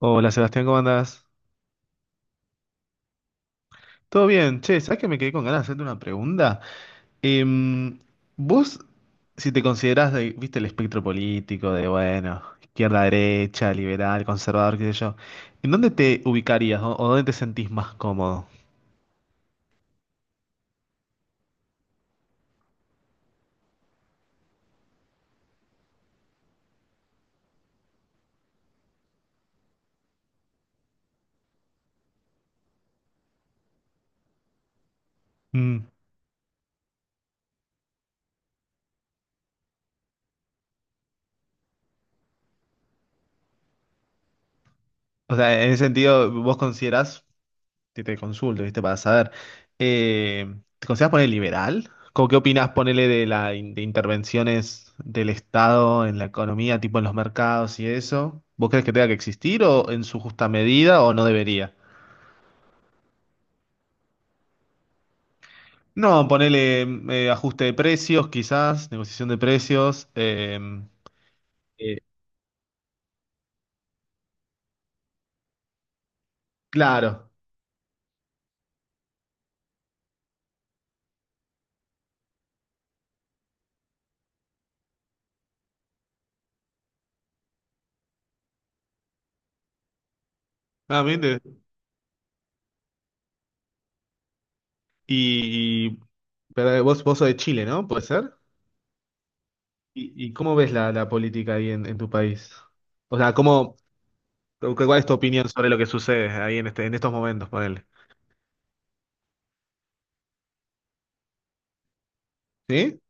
Hola Sebastián, ¿cómo andás? Todo bien, che, ¿sabes que me quedé con ganas de hacerte una pregunta? Em, vos, si te considerás, de, viste, el espectro político de, bueno, izquierda, derecha, liberal, conservador, qué sé yo, ¿en dónde te ubicarías o dónde te sentís más cómodo? Mm. O sea, en ese sentido, ¿vos considerás te consulto? ¿Viste? Para saber. ¿Te consideras poner liberal? ¿Cómo qué opinas, ponele, de intervenciones del Estado en la economía, tipo en los mercados y eso? ¿Vos crees que tenga que existir o en su justa medida o no debería? No, ponele, ajuste de precios, quizás, negociación de precios. Eh, claro. Ah, bien. Y, y- pero vos sos de Chile, ¿no? ¿Puede ser? ¿Y cómo ves la política ahí en tu país? O sea, ¿cuál es tu opinión sobre lo que sucede ahí en estos momentos, ponele? ¿Sí?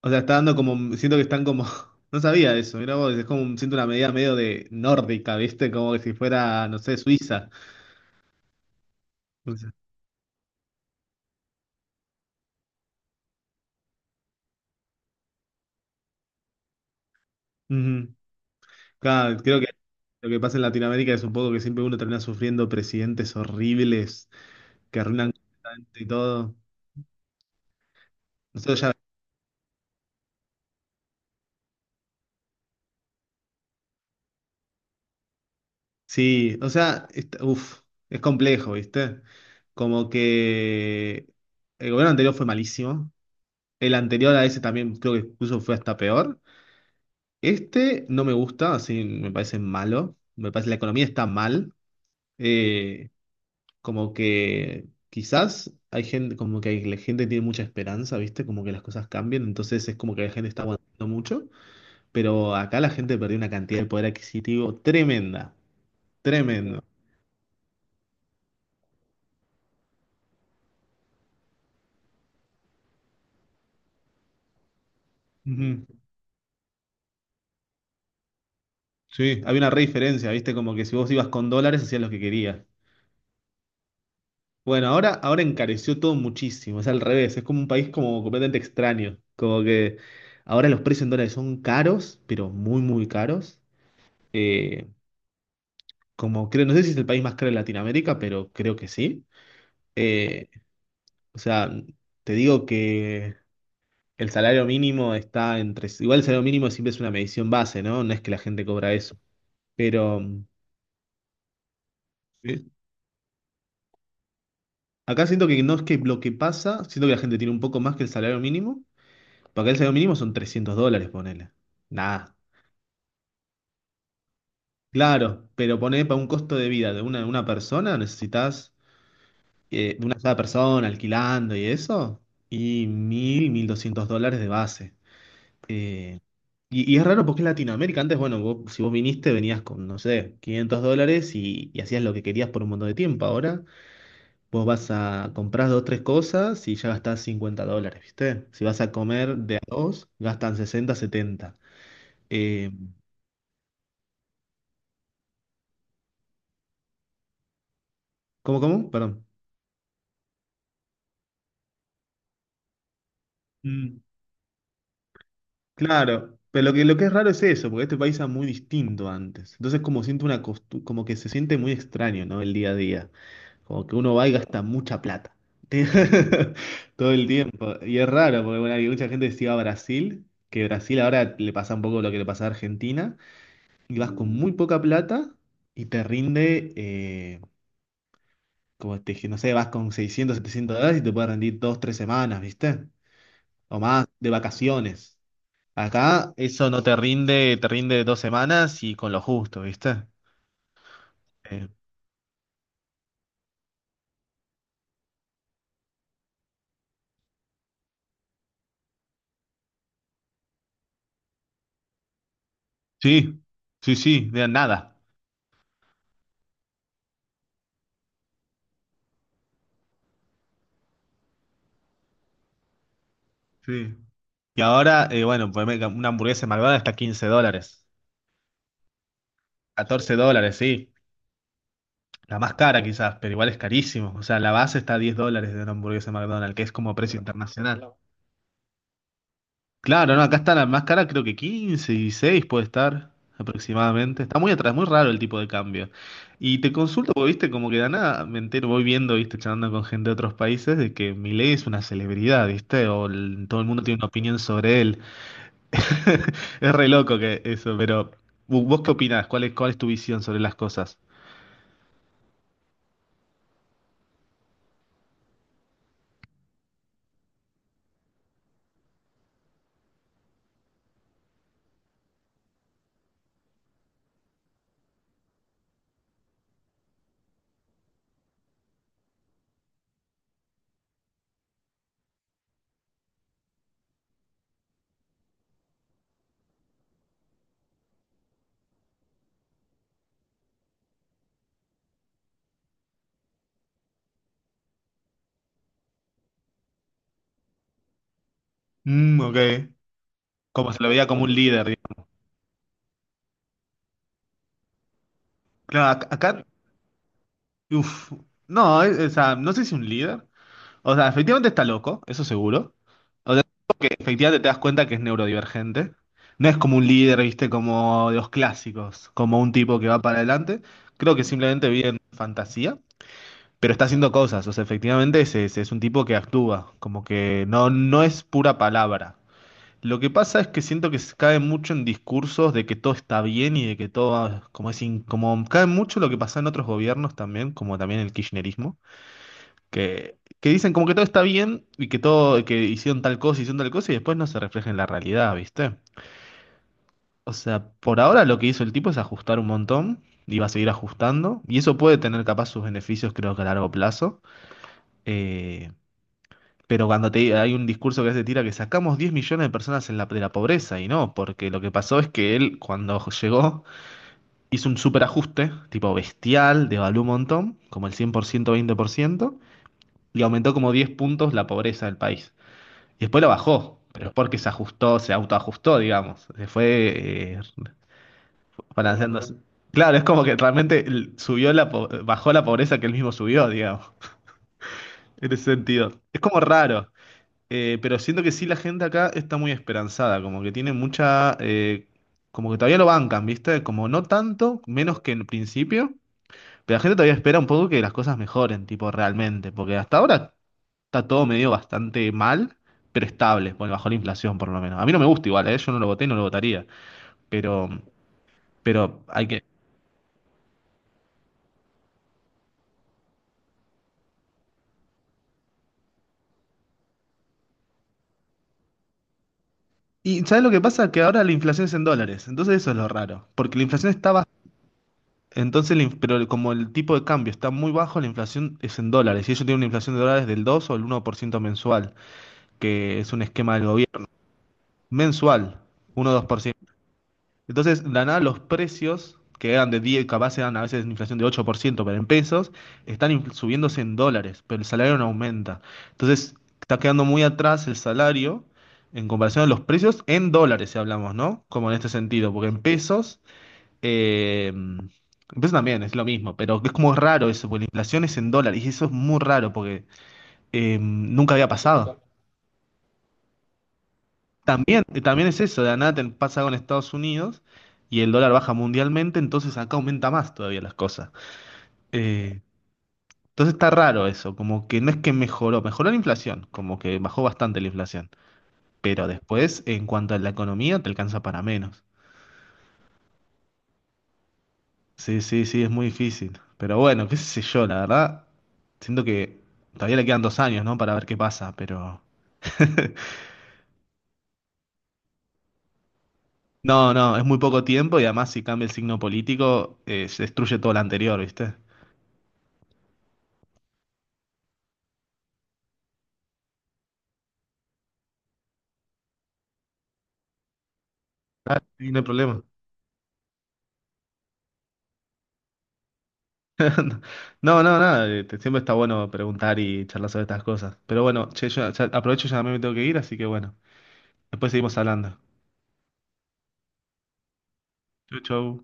O sea, está dando como, siento que están como, no sabía eso, mira vos, es como, siento una medida medio de nórdica, ¿viste? Como que si fuera, no sé, Suiza. O sea, ujú. Claro, creo que lo que pasa en Latinoamérica es un poco que siempre uno termina sufriendo presidentes horribles que arruinan completamente y todo. Nosotros ya, sí, o sea, uf, es complejo, ¿viste? Como que el gobierno anterior fue malísimo. El anterior a ese también creo que incluso fue hasta peor. Este no me gusta, así me parece malo. Me parece la economía está mal. Eh, Como que quizás hay gente, la gente tiene mucha esperanza, ¿viste? Como que las cosas cambian, entonces es como que la gente está aguantando mucho. Pero acá la gente perdió una cantidad de poder adquisitivo tremenda, tremendo. Ujú. Sí, había una re diferencia, ¿viste? Como que si vos ibas con dólares hacías lo que querías. Bueno, ahora, ahora encareció todo muchísimo, es al revés, es como un país como completamente extraño, como que ahora los precios en dólares son caros, pero muy, muy caros. Eh, Como creo, no sé si es el país más caro de Latinoamérica, pero creo que sí. Eh, o sea, te digo que el salario mínimo está entre, igual el salario mínimo siempre es una medición base, ¿no? No es que la gente cobra eso, pero sí. Acá siento que no es que lo que pasa, siento que la gente tiene un poco más que el salario mínimo. Porque el salario mínimo son 300 dólares, ponele. Nada. Claro, pero poné para un costo de vida de una persona, necesitas de una sola persona alquilando y eso, y mil doscientos dólares de base. Eh, y es raro porque es Latinoamérica. Antes, bueno, si vos viniste, venías con, no sé, 500 dólares y hacías lo que querías por un montón de tiempo. Ahora vos vas a comprar dos, tres cosas y ya gastás 50 dólares, ¿viste? Si vas a comer de a dos, gastan 60 setenta. Eh, ¿Cómo, cómo? Perdón. Mm. Claro, pero lo que es raro es eso, porque este país era muy distinto antes. Entonces como siento una como que se siente muy extraño, ¿no? El día a día. Como que uno va y gasta mucha plata. Todo el tiempo. Y es raro, porque bueno, hay mucha gente que se iba a Brasil, que Brasil ahora le pasa un poco lo que le pasa a Argentina, y vas con muy poca plata y te rinde, como te dije, no sé, vas con 600, 700 dólares y te puede rendir dos, tres semanas, ¿viste? O más, de vacaciones. Acá eso no te rinde, te rinde dos semanas y con lo justo, ¿viste? Eh, sí, sí, sí, de nada. Sí. Y ahora, bueno, pues una hamburguesa de McDonald's está 15 dólares. 14 dólares, sí. La más cara quizás, pero igual es carísimo. O sea, la base está a 10 dólares de una hamburguesa de McDonald's, que es como precio internacional. Claro, no, acá está la más cara, creo que 15, 16 puede estar aproximadamente. Está muy atrás, muy raro el tipo de cambio. Y te consulto, porque viste, como que de la nada me entero, voy viendo, viste, charlando con gente de otros países, de que Milei es una celebridad, viste, todo el mundo tiene una opinión sobre él. Es re loco que eso, pero ¿vos qué opinás? Cuál es tu visión sobre las cosas? Mm, ok. Como se lo veía como un líder, digamos. Claro, acá, uf, no, o sea, no sé si un líder. O sea, efectivamente está loco, eso seguro. O sea, que efectivamente te das cuenta que es neurodivergente. No es como un líder, viste, como de los clásicos, como un tipo que va para adelante. Creo que simplemente vive en fantasía, pero está haciendo cosas. O sea, efectivamente es un tipo que actúa, como que no, no es pura palabra. Lo que pasa es que siento que se cae mucho en discursos de que todo está bien y de que todo, como es, como cae mucho lo que pasa en otros gobiernos también, como también el kirchnerismo que dicen como que todo está bien y que todo, que hicieron tal cosa y después no se refleja en la realidad, ¿viste? O sea, por ahora lo que hizo el tipo es ajustar un montón y va a seguir ajustando y eso puede tener capaz sus beneficios creo que a largo plazo. Eh, pero cuando te, hay un discurso que se tira que sacamos 10 millones de personas en la, de la pobreza y no, porque lo que pasó es que él cuando llegó hizo un superajuste, tipo bestial, devaluó un montón, como el 100% 20% y aumentó como 10 puntos la pobreza del país. Y después lo bajó, pero es porque se ajustó, se autoajustó, digamos. Se fue, balanceándose. Claro, es como que realmente subió la bajó la pobreza que él mismo subió, digamos, en ese sentido. Es como raro, pero siento que sí la gente acá está muy esperanzada, como que tiene mucha, como que todavía lo bancan, ¿viste? Como no tanto, menos que en principio, pero la gente todavía espera un poco que las cosas mejoren, tipo, realmente, porque hasta ahora está todo medio bastante mal, pero estable, bueno, bajo la inflación por lo menos. A mí no me gusta igual, ¿eh? Yo no lo voté y no lo votaría, pero, pero hay que... Y ¿sabes lo que pasa? Que ahora la inflación es en dólares, entonces eso es lo raro, porque la inflación está baja, entonces, la inf- pero el- como el tipo de cambio está muy bajo, la inflación es en dólares, y ellos tienen una inflación de dólares del 2 o el 1% mensual, que es un esquema del gobierno, mensual, uno dos por ciento. Entonces, de la nada, los precios, que eran de 10, capaz eran a veces inflación de 8%, pero en pesos, están subiéndose en dólares, pero el salario no aumenta. Entonces, está quedando muy atrás el salario en comparación a los precios en dólares, si hablamos, ¿no? Como en este sentido, porque en pesos también es lo mismo, pero es como raro eso, porque la inflación es en dólares, y eso es muy raro, porque nunca había pasado. También, también es eso, de la nada te pasa con Estados Unidos y el dólar baja mundialmente, entonces acá aumenta más todavía las cosas. Eh, entonces está raro eso, como que no es que mejoró, la inflación, como que bajó bastante la inflación, pero después en cuanto a la economía te alcanza para menos. Sí, sí, sí, es muy difícil. Pero bueno, qué sé yo, la verdad, siento que todavía le quedan 2 años, ¿no? Para ver qué pasa, pero... No, no, es muy poco tiempo y además si cambia el signo político, se destruye todo lo anterior, ¿viste? Ah, sí, no hay problema. No, no, nada. Siempre está bueno preguntar y charlar sobre estas cosas. Pero bueno, che, yo aprovecho, ya me tengo que ir, así que bueno. Después seguimos hablando. Chau, chau.